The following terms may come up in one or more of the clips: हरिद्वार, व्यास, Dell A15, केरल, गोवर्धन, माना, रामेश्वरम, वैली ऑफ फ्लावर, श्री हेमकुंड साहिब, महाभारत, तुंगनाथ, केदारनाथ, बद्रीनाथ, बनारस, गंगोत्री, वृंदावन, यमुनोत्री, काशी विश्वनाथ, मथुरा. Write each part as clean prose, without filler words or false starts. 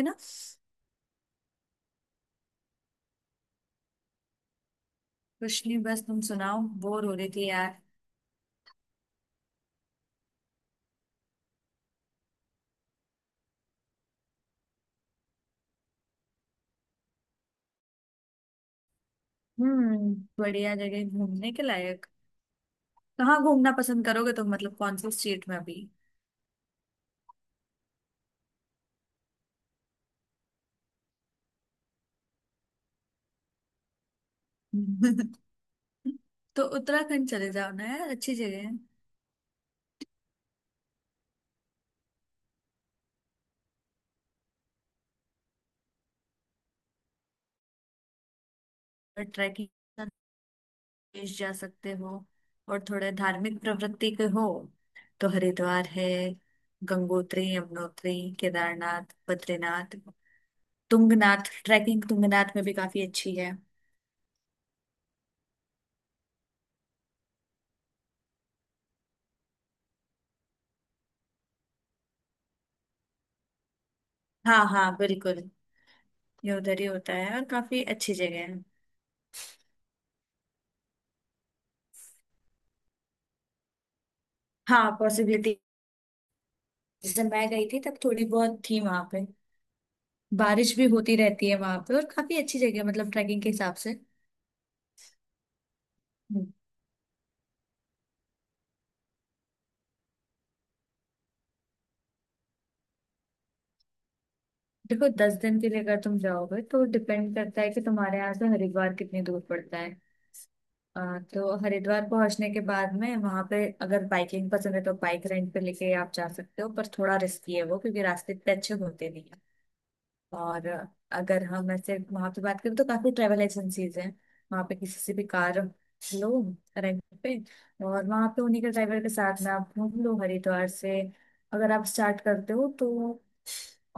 है ना। कुछ नहीं, बस तुम सुनाओ। बोर हो रही थी यार। हम्म, बढ़िया जगह घूमने के लायक। कहाँ घूमना पसंद करोगे तुम, मतलब कौन से स्टेट में अभी? तो उत्तराखंड चले जाओ ना यार, अच्छी जगह है। और ट्रैकिंग देश जा सकते हो। और थोड़े धार्मिक प्रवृत्ति के हो तो हरिद्वार है, गंगोत्री यमुनोत्री, केदारनाथ बद्रीनाथ, तुंगनाथ। ट्रैकिंग तुंगनाथ में भी काफी अच्छी है। हाँ हाँ बिल्कुल, ये उधर ही होता है और काफी अच्छी जगह है। हाँ, पॉसिबिलिटी। जैसे मैं गई थी तब थोड़ी बहुत थी वहां पे। बारिश भी होती रहती है वहां पे, और काफी अच्छी जगह है मतलब ट्रैकिंग के हिसाब से। हम्म। देखो, 10 दिन के लिए अगर तुम जाओगे तो डिपेंड करता है कि तुम्हारे यहाँ से हरिद्वार कितनी दूर पड़ता है। तो हरिद्वार पहुंचने के बाद में वहां पे अगर बाइकिंग पसंद है तो बाइक रेंट पे लेके आप जा सकते हो, पर थोड़ा रिस्की है वो, क्योंकि रास्ते इतने अच्छे होते नहीं। और अगर हम ऐसे वहां पे बात करें तो काफी ट्रेवल एजेंसीज हैं। वहां पे किसी से भी कार लो रेंट पे, और वहां पे उन्हीं के ड्राइवर के साथ में आप घूम लो। हरिद्वार से अगर आप स्टार्ट करते हो तो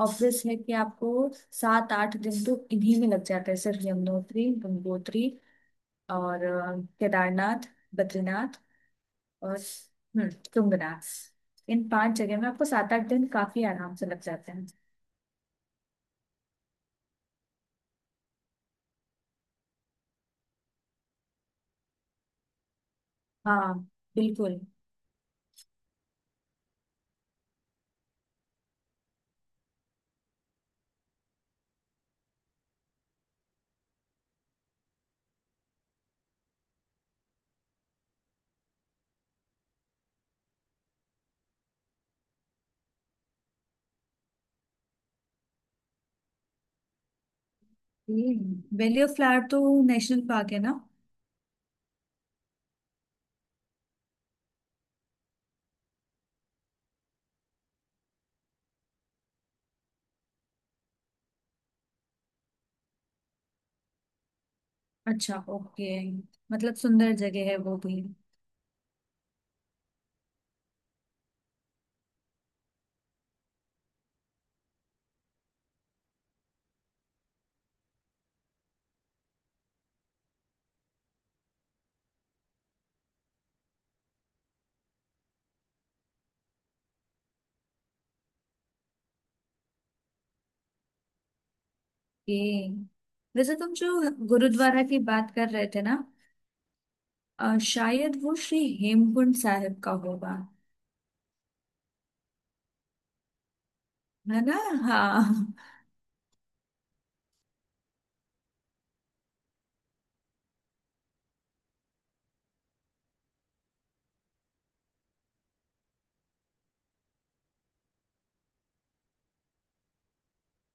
ऑब्वियस है कि आपको 7 8 दिन तो इन्हीं में लग जाता है, सिर्फ यमुनोत्री गंगोत्री और केदारनाथ बद्रीनाथ और तुंगनाथ। इन 5 जगह में आपको सात आठ दिन काफी आराम से लग जाते हैं। हाँ बिल्कुल। वैली ऑफ फ्लावर तो नेशनल पार्क है ना। अच्छा ओके, मतलब सुंदर जगह है वो भी। ओके। वैसे तुम जो गुरुद्वारा की बात कर रहे थे ना, शायद वो श्री हेमकुंड साहिब का होगा। है ना। हाँ।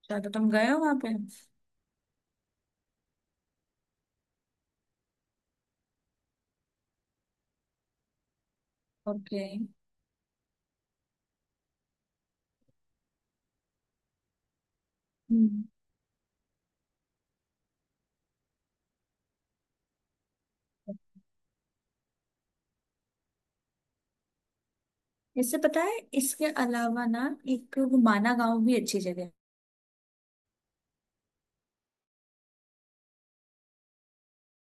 शायद तुम गए हो वहां पे। ओके। हम्म इससे पता है इसके अलावा ना एक माना गांव भी अच्छी जगह है।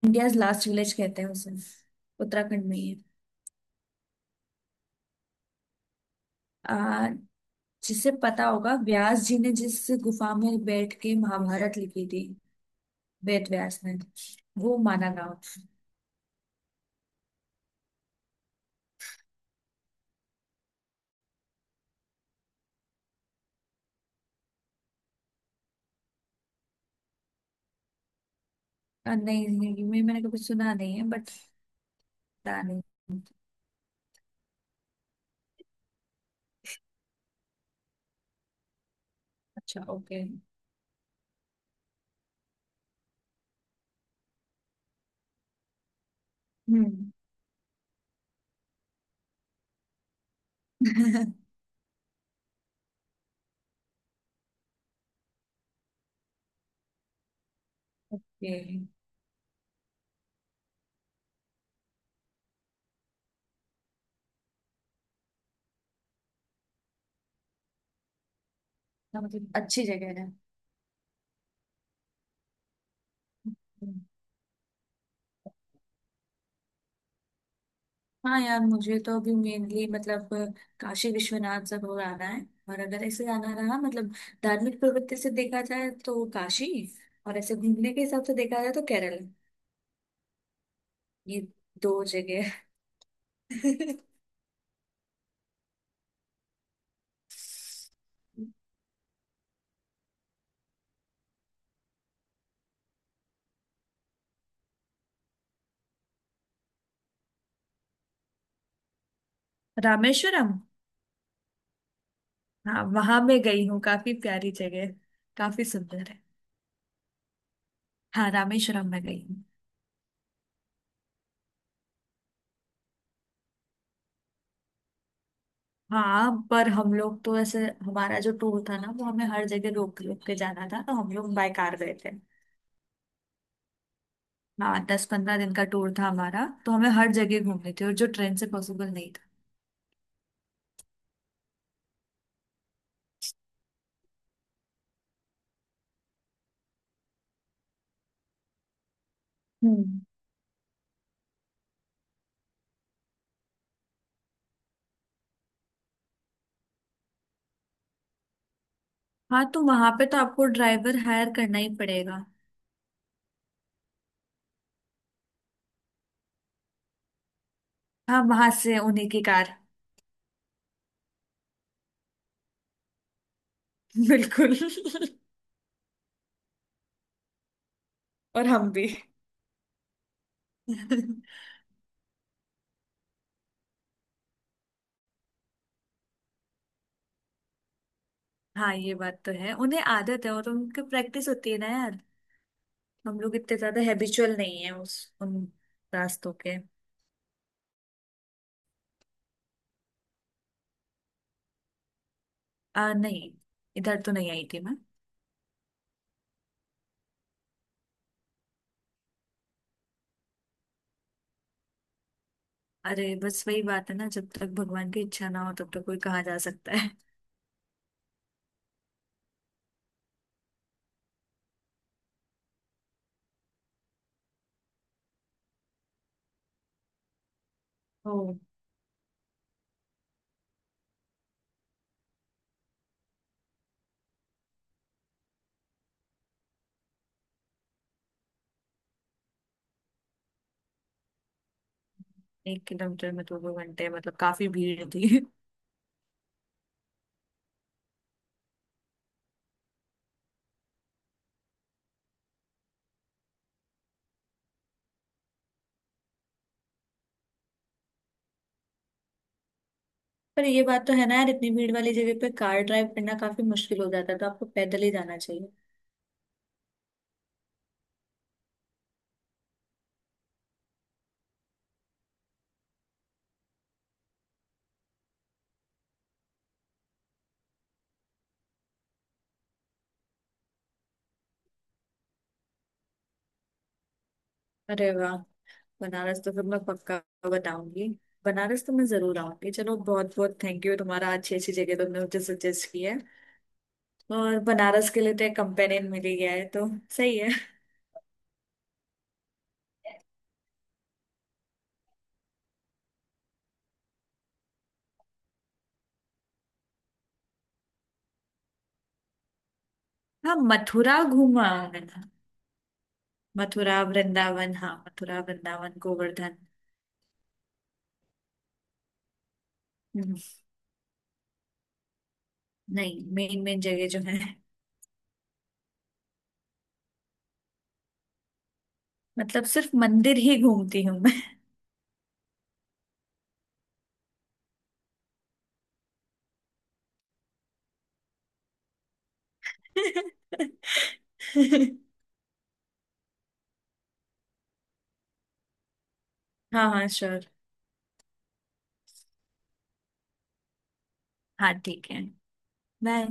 इंडियाज लास्ट विलेज कहते हैं उसे, उत्तराखंड में ही है। जिससे पता होगा, व्यास जी ने जिस गुफा में बैठ के महाभारत लिखी थी, वेद व्यास ने, वो माना ना हो। नहीं नहीं, मैंने कभी सुना नहीं है बट, पता नहीं। अच्छा ओके। हम्म। ये हाँ, मतलब अच्छी जगह है। हम्म। हाँ यार, मुझे तो अभी मेनली मतलब काशी विश्वनाथ सब हो आना है। और अगर ऐसे आना रहा, मतलब धार्मिक प्रवृत्ति से देखा जाए तो काशी, और ऐसे घूमने के हिसाब से देखा जाए तो केरल। ये दो जगह। रामेश्वरम। हाँ वहां मैं गई हूँ, काफी प्यारी जगह है, काफी सुंदर है। हाँ रामेश्वरम में गई हूँ। हाँ, पर हम लोग तो ऐसे, हमारा जो टूर था ना वो हमें हर जगह रोक रोक के जाना था, तो हम लोग बाय कार गए थे। हाँ, 10 15 दिन का टूर था हमारा, तो हमें हर जगह घूमने थे और जो ट्रेन से पॉसिबल नहीं था। हम्म। हाँ तो वहां पे तो आपको ड्राइवर हायर करना ही पड़ेगा। हाँ, वहां से उन्हीं की कार। बिल्कुल। और हम भी। हाँ ये बात तो है, उन्हें आदत है और उनकी प्रैक्टिस होती है ना यार। हम लोग इतने ज्यादा हैबिचुअल नहीं है उस, उन रास्तों के। आ नहीं, इधर तो नहीं आई थी मैं। अरे बस वही बात है ना, जब तक भगवान की इच्छा ना हो तब तक कोई कहाँ जा सकता है। ओ। 1 किलोमीटर में तो 2 घंटे, मतलब काफी भीड़ थी। पर ये बात तो है ना यार, इतनी भीड़ वाली जगह पे कार ड्राइव करना काफी मुश्किल हो जाता है, तो आपको पैदल ही जाना चाहिए। अरे वाह, बनारस तो फिर मैं पक्का बताऊंगी। बनारस तो मैं जरूर आऊंगी। चलो बहुत बहुत थैंक यू तुम्हारा, अच्छी अच्छी जगह तुमने मुझे सजेस्ट की है। और बनारस के लिए तो एक कंपेनियन मिल ही गया है, तो सही है। हाँ मथुरा घूमा हूं मैंने। मथुरा वृंदावन हाँ, मथुरा वृंदावन गोवर्धन। हम्म, नहीं, मेन मेन जगह जो है। मतलब सिर्फ मंदिर ही घूमती हूँ मैं। हाँ हाँ श्योर। हाँ ठीक है। बाय।